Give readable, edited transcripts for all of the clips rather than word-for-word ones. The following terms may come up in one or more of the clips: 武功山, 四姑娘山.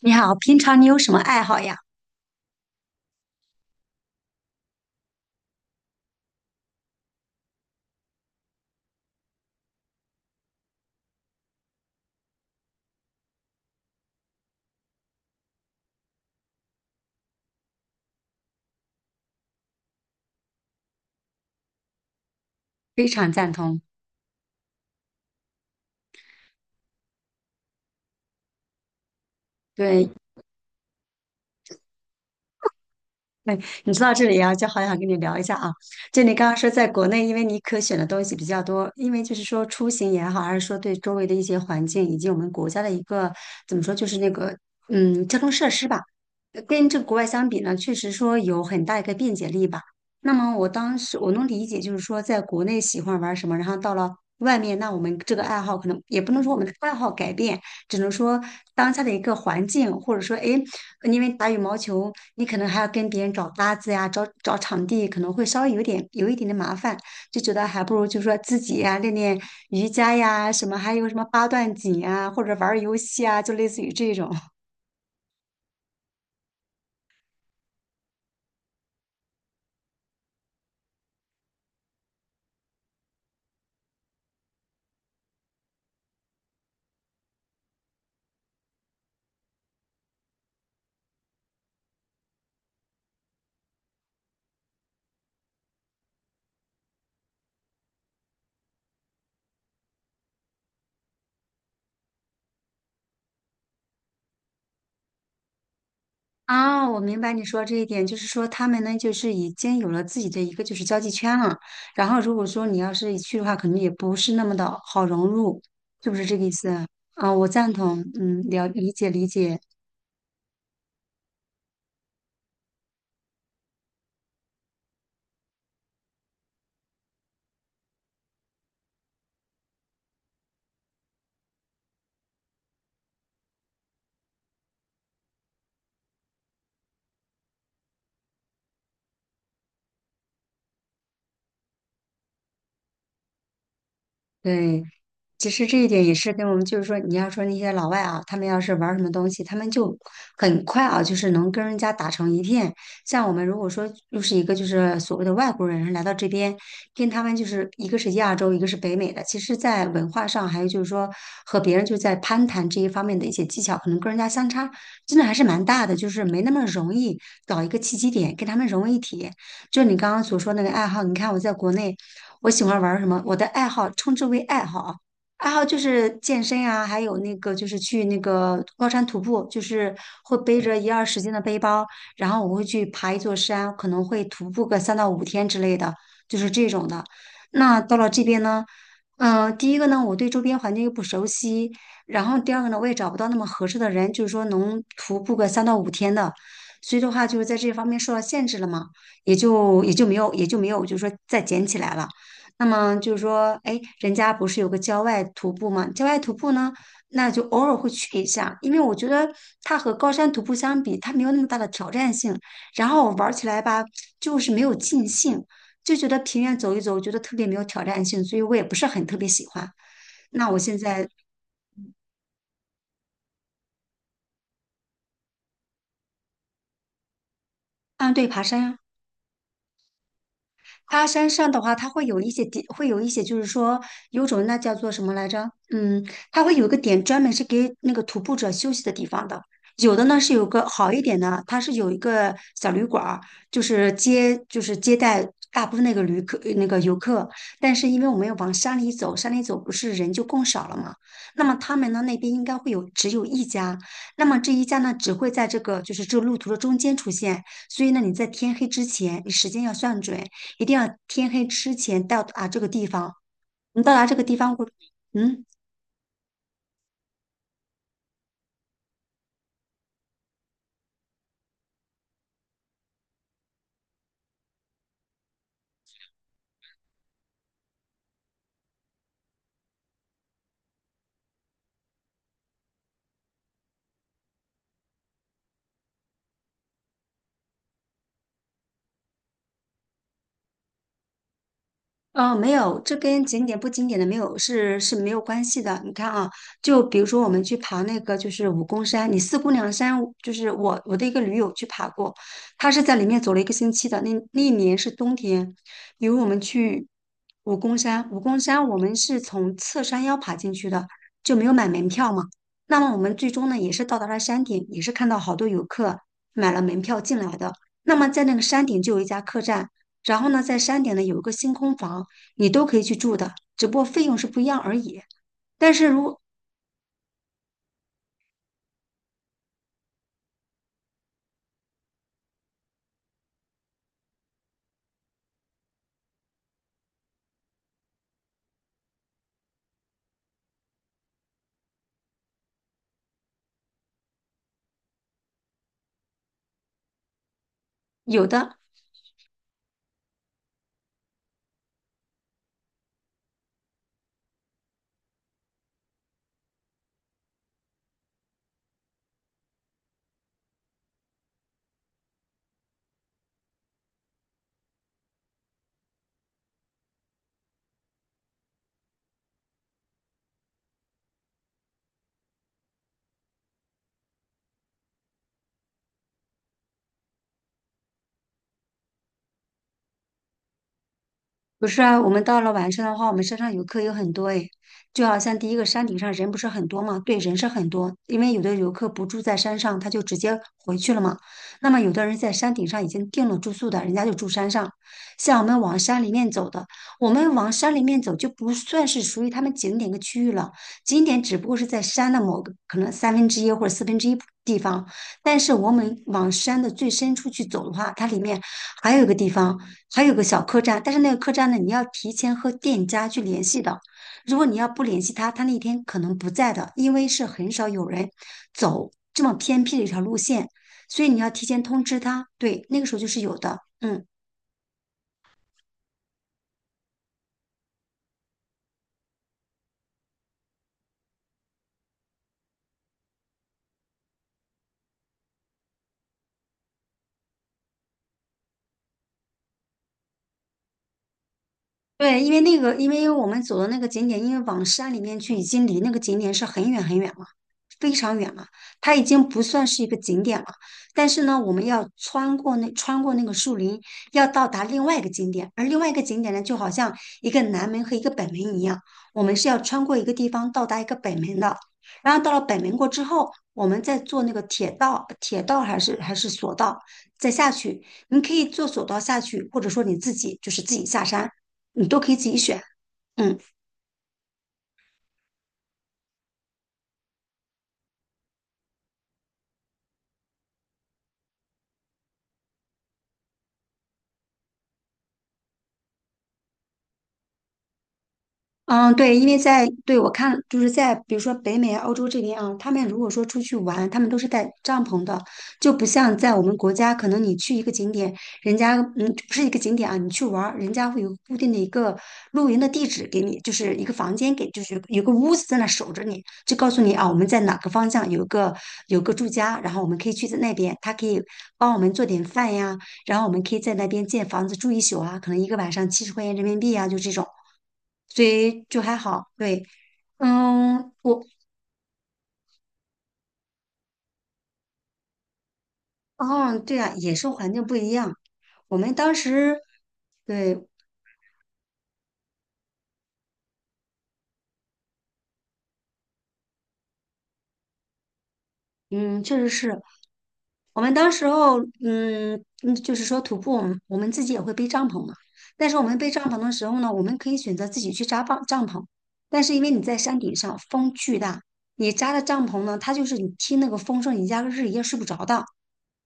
你好，平常你有什么爱好呀？非常赞同。对，哎，你说到这里啊，就好想跟你聊一下啊。就你刚刚说，在国内，因为你可选的东西比较多，因为就是说出行也好，还是说对周围的一些环境，以及我们国家的一个怎么说，就是那个交通设施吧，跟这个国外相比呢，确实说有很大一个便捷力吧。那么我当时我能理解，就是说在国内喜欢玩什么，然后到了外面，那我们这个爱好可能也不能说我们的爱好改变，只能说当下的一个环境，或者说哎因为打羽毛球，你可能还要跟别人找搭子呀，找找场地，可能会稍微有一点点麻烦，就觉得还不如就说自己呀练练瑜伽呀，什么还有什么八段锦啊，或者玩儿游戏啊，就类似于这种。啊，我明白你说这一点，就是说他们呢，就是已经有了自己的一个就是交际圈了，然后如果说你要是一去的话，可能也不是那么的好融入，是不是这个意思啊，啊我赞同，嗯，理解理解。对，其实这一点也是跟我们，就是说，你要说那些老外啊，他们要是玩儿什么东西，他们就很快啊，就是能跟人家打成一片。像我们如果说又是一个就是所谓的外国人来到这边，跟他们就是一个是亚洲，一个是北美的，其实，在文化上还有就是说和别人就在攀谈这一方面的一些技巧，可能跟人家相差真的还是蛮大的，就是没那么容易找一个契机点跟他们融为一体。就你刚刚所说那个爱好，你看我在国内。我喜欢玩儿什么？我的爱好称之为爱好啊，爱好就是健身啊，还有那个就是去那个高山徒步，就是会背着一二十斤的背包，然后我会去爬一座山，可能会徒步个三到五天之类的，就是这种的。那到了这边呢，第一个呢，我对周边环境又不熟悉，然后第二个呢，我也找不到那么合适的人，就是说能徒步个三到五天的，所以的话就是在这方面受到限制了嘛。也就没有，就是说再捡起来了。那么就是说，哎，人家不是有个郊外徒步吗？郊外徒步呢，那就偶尔会去一下，因为我觉得它和高山徒步相比，它没有那么大的挑战性，然后我玩起来吧，就是没有尽兴，就觉得平原走一走，我觉得特别没有挑战性，所以我也不是很特别喜欢。那我现在，啊，对，爬山呀。它山上的话，它会有一些点，会有一些就是说有种那叫做什么来着？嗯，它会有一个点专门是给那个徒步者休息的地方的。有的呢是有个好一点的，它是有一个小旅馆儿，就是接待大部分那个旅客那个游客。但是因为我们要往山里走，山里走不是人就更少了嘛？那么他们呢那边应该会有只有一家，那么这一家呢只会在这个就是这个路途的中间出现，所以呢你在天黑之前，你时间要算准。一定要天黑之前到达这个地方。你到达这个地方过，嗯。哦，没有，这跟景点不景点的没有是没有关系的。你看啊，就比如说我们去爬那个就是武功山，你四姑娘山，就是我的一个驴友去爬过，他是在里面走了一个星期的。那那一年是冬天，比如我们去武功山，武功山我们是从侧山腰爬进去的，就没有买门票嘛。那么我们最终呢也是到达了山顶，也是看到好多游客买了门票进来的。那么在那个山顶就有一家客栈。然后呢，在山顶呢有一个星空房，你都可以去住的，只不过费用是不一样而已。但是如有的不是啊，我们到了晚上的话，我们山上游客有很多诶，就好像第一个山顶上人不是很多嘛，对，人是很多，因为有的游客不住在山上，他就直接回去了嘛。那么有的人在山顶上已经订了住宿的，人家就住山上。像我们往山里面走的，我们往山里面走就不算是属于他们景点的区域了，景点只不过是在山的某个可能三分之一或者四分之一地方，但是我们往山的最深处去走的话，它里面还有一个地方。还有个小客栈，但是那个客栈呢，你要提前和店家去联系的。如果你要不联系他，他那天可能不在的，因为是很少有人走这么偏僻的一条路线，所以你要提前通知他。对，那个时候就是有的，嗯。对，因为那个，因为我们走的那个景点，因为往山里面去，已经离那个景点是很远很远了，非常远了。它已经不算是一个景点了。但是呢，我们要穿过那个树林，要到达另外一个景点。而另外一个景点呢，就好像一个南门和一个北门一样，我们是要穿过一个地方到达一个北门的。然后到了北门过之后，我们再坐那个铁道，铁道还是索道，再下去。你可以坐索道下去，或者说你自己就是自己下山。你都可以自己选。嗯嗯，对，因为在对我看，就是在比如说北美、欧洲这边啊，他们如果说出去玩，他们都是带帐篷的，就不像在我们国家，可能你去一个景点，人家不是一个景点啊，你去玩儿，人家会有固定的一个露营的地址给你，就是一个房间给，就是有个屋子在那守着你，就告诉你啊，我们在哪个方向有个有个住家，然后我们可以去在那边，他可以帮我们做点饭呀。然后我们可以在那边建房子住一宿啊，可能一个晚上70块钱人民币啊，就这种，所以就还好。对，嗯，我哦，对啊，野生环境不一样。我们当时，对，嗯，确实是我们当时候，嗯嗯，就是说徒步，我们自己也会背帐篷嘛。但是我们背帐篷的时候呢，我们可以选择自己去帐篷，但是因为你在山顶上，风巨大。你扎的帐篷呢，它就是你听那个风声，你压根儿是一夜睡不着的。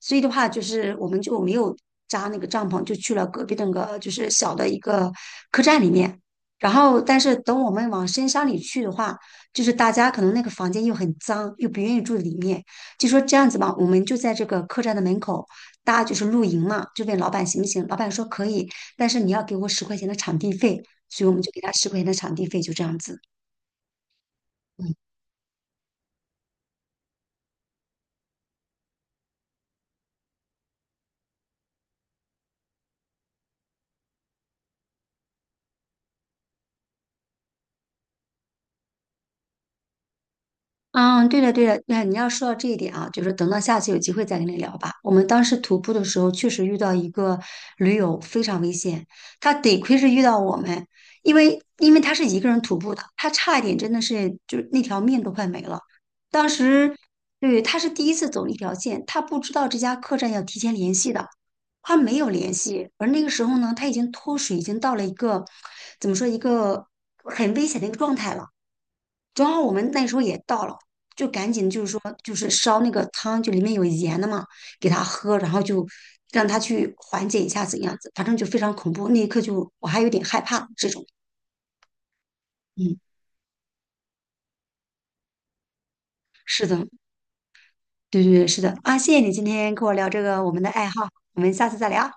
所以的话，就是我们就没有扎那个帐篷，就去了隔壁的那个就是小的一个客栈里面。然后，但是等我们往深山里去的话，就是大家可能那个房间又很脏，又不愿意住里面，就说这样子吧，我们就在这个客栈的门口搭就是露营嘛，就问老板行不行？老板说可以，但是你要给我十块钱的场地费，所以我们就给他十块钱的场地费，就这样子。嗯，对的，对的，那你要说到这一点啊，就是等到下次有机会再跟你聊吧。我们当时徒步的时候，确实遇到一个驴友非常危险，他得亏是遇到我们，因为他是一个人徒步的，他差一点真的是就是那条命都快没了。当时对他是第一次走那条线，他不知道这家客栈要提前联系的，他没有联系，而那个时候呢，他已经脱水，已经到了一个怎么说一个很危险的一个状态了。正好我们那时候也到了，就赶紧就是说就是烧那个汤，就里面有盐的嘛，给他喝，然后就让他去缓解一下怎样子，反正就非常恐怖。那一刻就我还有点害怕这种。嗯，是的，对对对，是的啊，谢谢你今天跟我聊这个我们的爱好，我们下次再聊。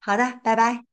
好的，拜拜。